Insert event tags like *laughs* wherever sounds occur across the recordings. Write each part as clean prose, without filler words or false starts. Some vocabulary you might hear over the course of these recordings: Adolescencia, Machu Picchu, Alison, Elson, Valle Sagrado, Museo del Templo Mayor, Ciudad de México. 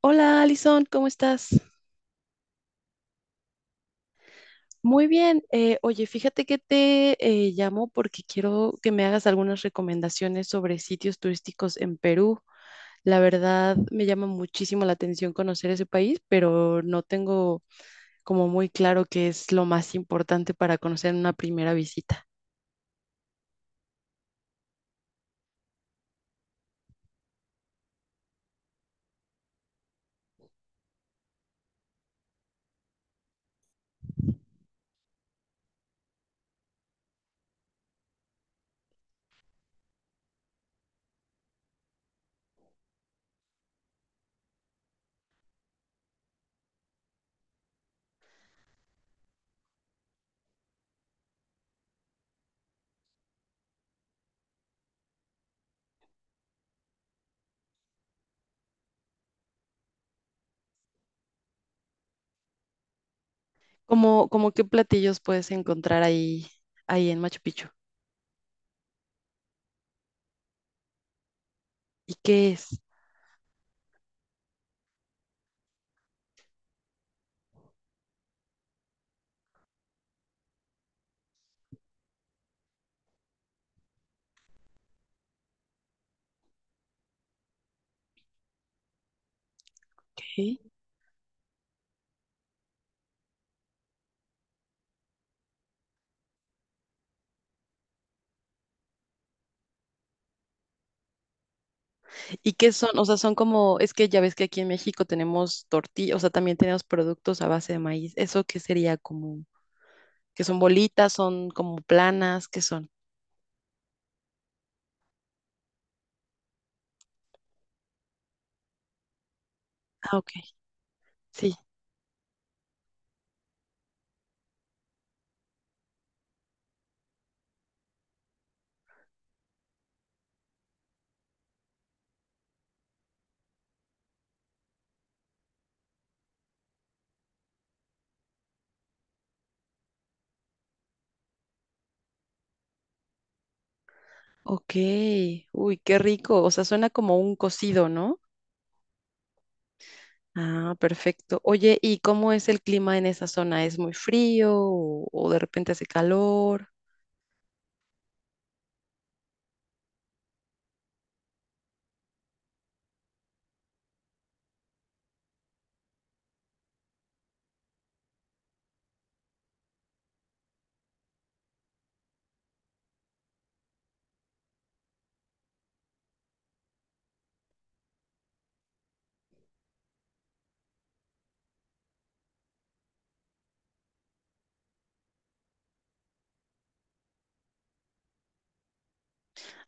Hola, Alison, ¿cómo estás? Muy bien. Oye, fíjate que te llamo porque quiero que me hagas algunas recomendaciones sobre sitios turísticos en Perú. La verdad, me llama muchísimo la atención conocer ese país, pero no tengo como muy claro qué es lo más importante para conocer en una primera visita. ¿Cómo qué platillos puedes encontrar ahí en Machu Picchu? ¿Y qué es? Ok. ¿Y qué son? O sea, son como, es que ya ves que aquí en México tenemos tortillas, o sea, también tenemos productos a base de maíz. ¿Eso qué sería como? ¿Que son bolitas? ¿Son como planas? ¿Qué son? Ah, ok. Sí. Ok. Uy, qué rico. O sea, suena como un cocido, ¿no? Ah, perfecto. Oye, ¿y cómo es el clima en esa zona? ¿Es muy frío o de repente hace calor?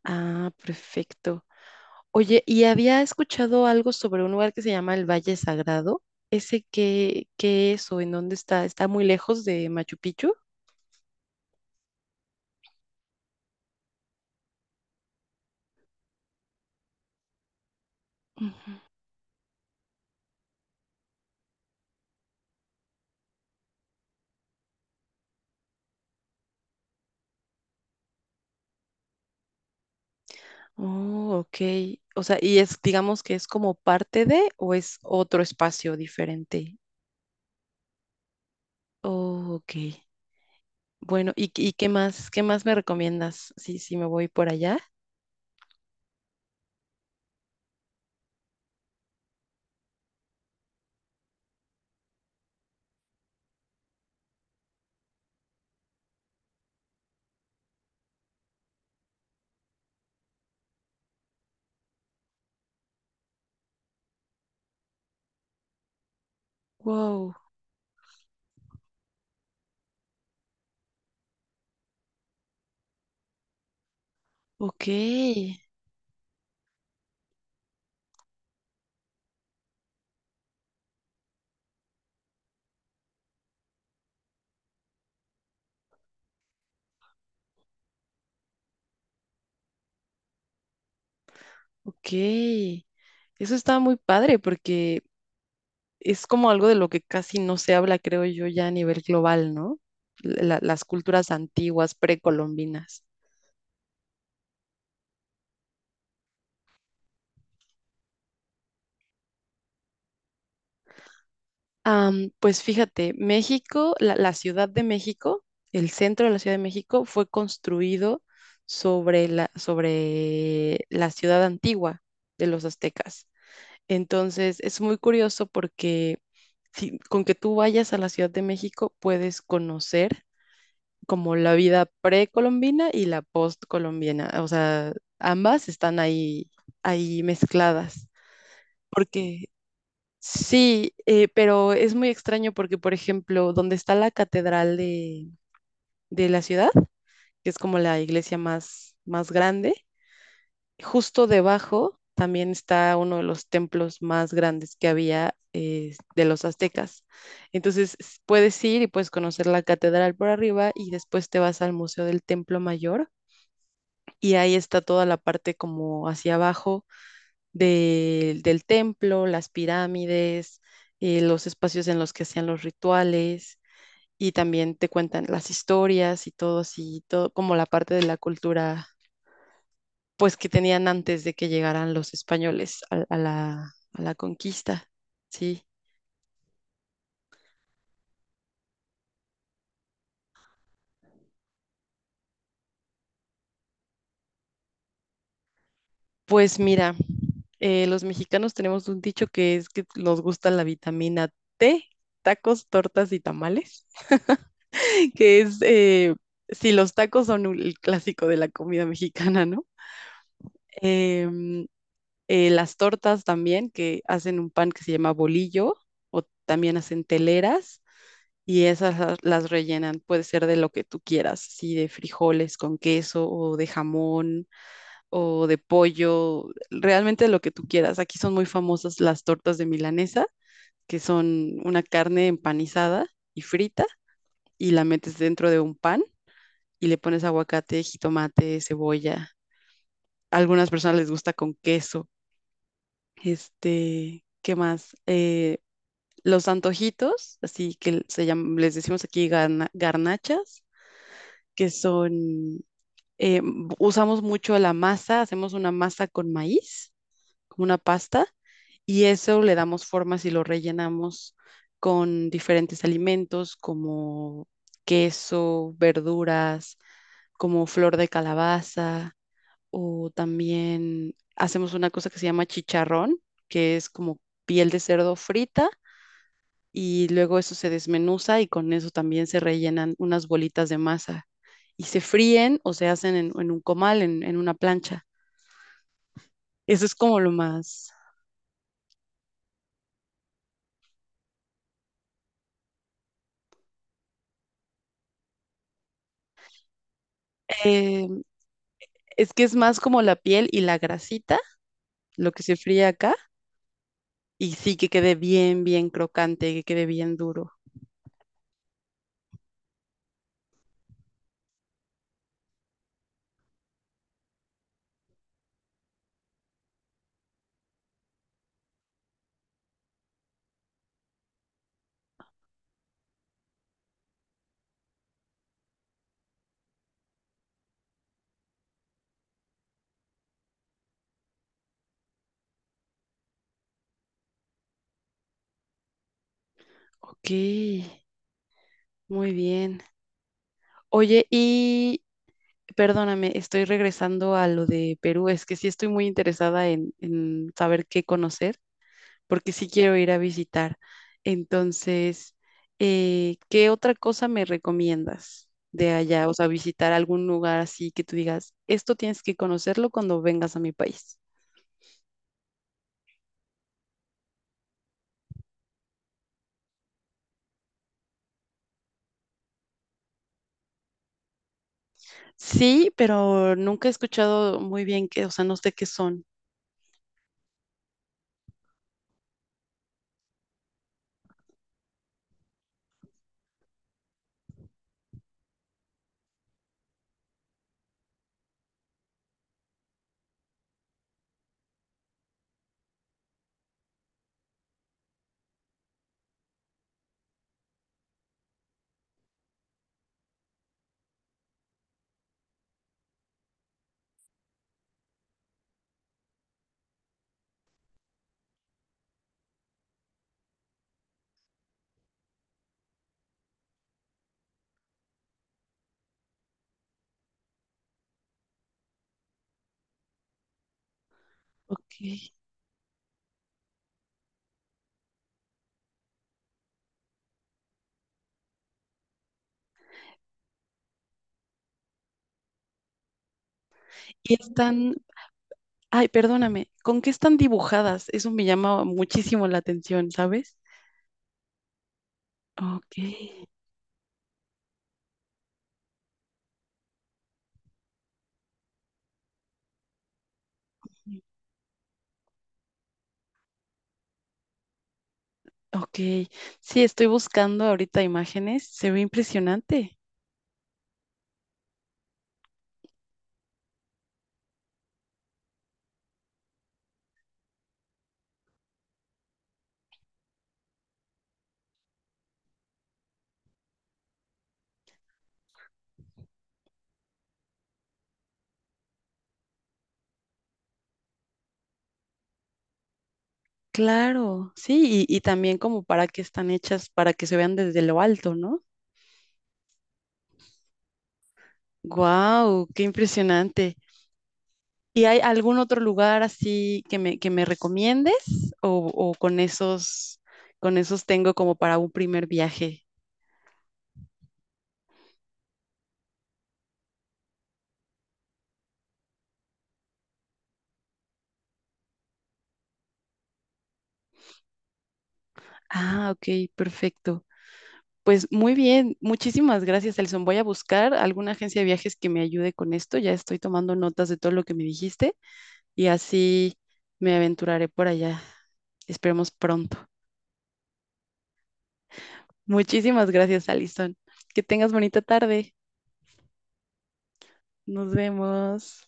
Ah, perfecto. Oye, y había escuchado algo sobre un lugar que se llama el Valle Sagrado. ¿Ese qué es o en dónde está? ¿Está muy lejos de Machu Picchu? Ujú. Oh, ok. O sea, y es, digamos que es como parte de o es otro espacio diferente. Oh, ok. Bueno, ¿y qué más me recomiendas? Sí, sí, me voy por allá. Wow, ok, ok. Eso está muy padre porque es como algo de lo que casi no se habla, creo yo, ya a nivel global, ¿no? La- las culturas antiguas, precolombinas. Am, pues fíjate, México, la Ciudad de México, el centro de la Ciudad de México fue construido sobre la ciudad antigua de los aztecas. Entonces, es muy curioso porque si- con que tú vayas a la Ciudad de México puedes conocer como la vida precolombina y la postcolombiana, o sea, ambas están ahí, ahí mezcladas, porque sí, pero es muy extraño porque, por ejemplo, donde está la catedral de la ciudad, que es como la iglesia más, más grande, justo debajo también está uno de los templos más grandes que había de los aztecas. Entonces s- puedes ir y puedes conocer la catedral por arriba y después te vas al Museo del Templo Mayor, y ahí está toda la parte como hacia abajo del templo, las pirámides, los espacios en los que hacían los rituales y también te cuentan las historias y todo así, todo como la parte de la cultura pues que tenían antes de que llegaran los españoles a la conquista, ¿sí? Pues mira, los mexicanos tenemos un dicho que es que nos gusta la vitamina T, tacos, tortas y tamales. *laughs* Que es si los tacos son un- el clásico de la comida mexicana, ¿no? Em, las tortas también, que hacen un pan que se llama bolillo, o también hacen teleras, y esas las rellenan, puede ser de lo que tú quieras, sí, de frijoles con queso, o de jamón, o de pollo, realmente de lo que tú quieras. Aquí son muy famosas las tortas de milanesa, que son una carne empanizada y frita, y la metes dentro de un pan y le pones aguacate, jitomate, cebolla. A algunas personas les gusta con queso. Este, ¿qué más? Los antojitos, así que se llaman, les decimos aquí garna- garnachas, que son, eh, usamos mucho la masa, hacemos una masa con maíz, como una pasta, y eso le damos formas y lo rellenamos con diferentes alimentos como queso, verduras, como flor de calabaza, o también hacemos una cosa que se llama chicharrón, que es como piel de cerdo frita y luego eso se desmenuza y con eso también se rellenan unas bolitas de masa y se fríen o se hacen en un comal, en una plancha. Eso es como lo más. eh, es que es más como la piel y la grasita, lo que se fríe acá, y sí que quede bien, bien crocante, que quede bien duro. Ok, muy bien. Oye, y perdóname, estoy regresando a lo de Perú, es que sí estoy muy interesada en saber qué conocer, porque sí quiero ir a visitar. Entonces, ¿qué otra cosa me recomiendas de allá? O sea, visitar algún lugar así que tú digas, esto tienes que conocerlo cuando vengas a mi país. Sí, pero nunca he escuchado muy bien qué, o sea, no sé qué son. Ok. Y están, ay, perdóname, ¿con qué están dibujadas? Eso me llama muchísimo la atención, ¿sabes? Ok, ok. Sí, estoy buscando ahorita imágenes. Se ve impresionante. Claro, sí, y también como para que están hechas, para que se vean desde lo alto, ¿no? Guau, ¡qué impresionante! ¿Y hay algún otro lugar así que me recomiendes? O con esos tengo como para un primer viaje? Ah, ok, perfecto. Pues muy bien, muchísimas gracias, Elson. Voy a buscar alguna agencia de viajes que me ayude con esto. Ya estoy tomando notas de todo lo que me dijiste, y así me aventuraré por allá. Esperemos pronto. Muchísimas gracias, Alison. Que tengas bonita tarde. Nos vemos.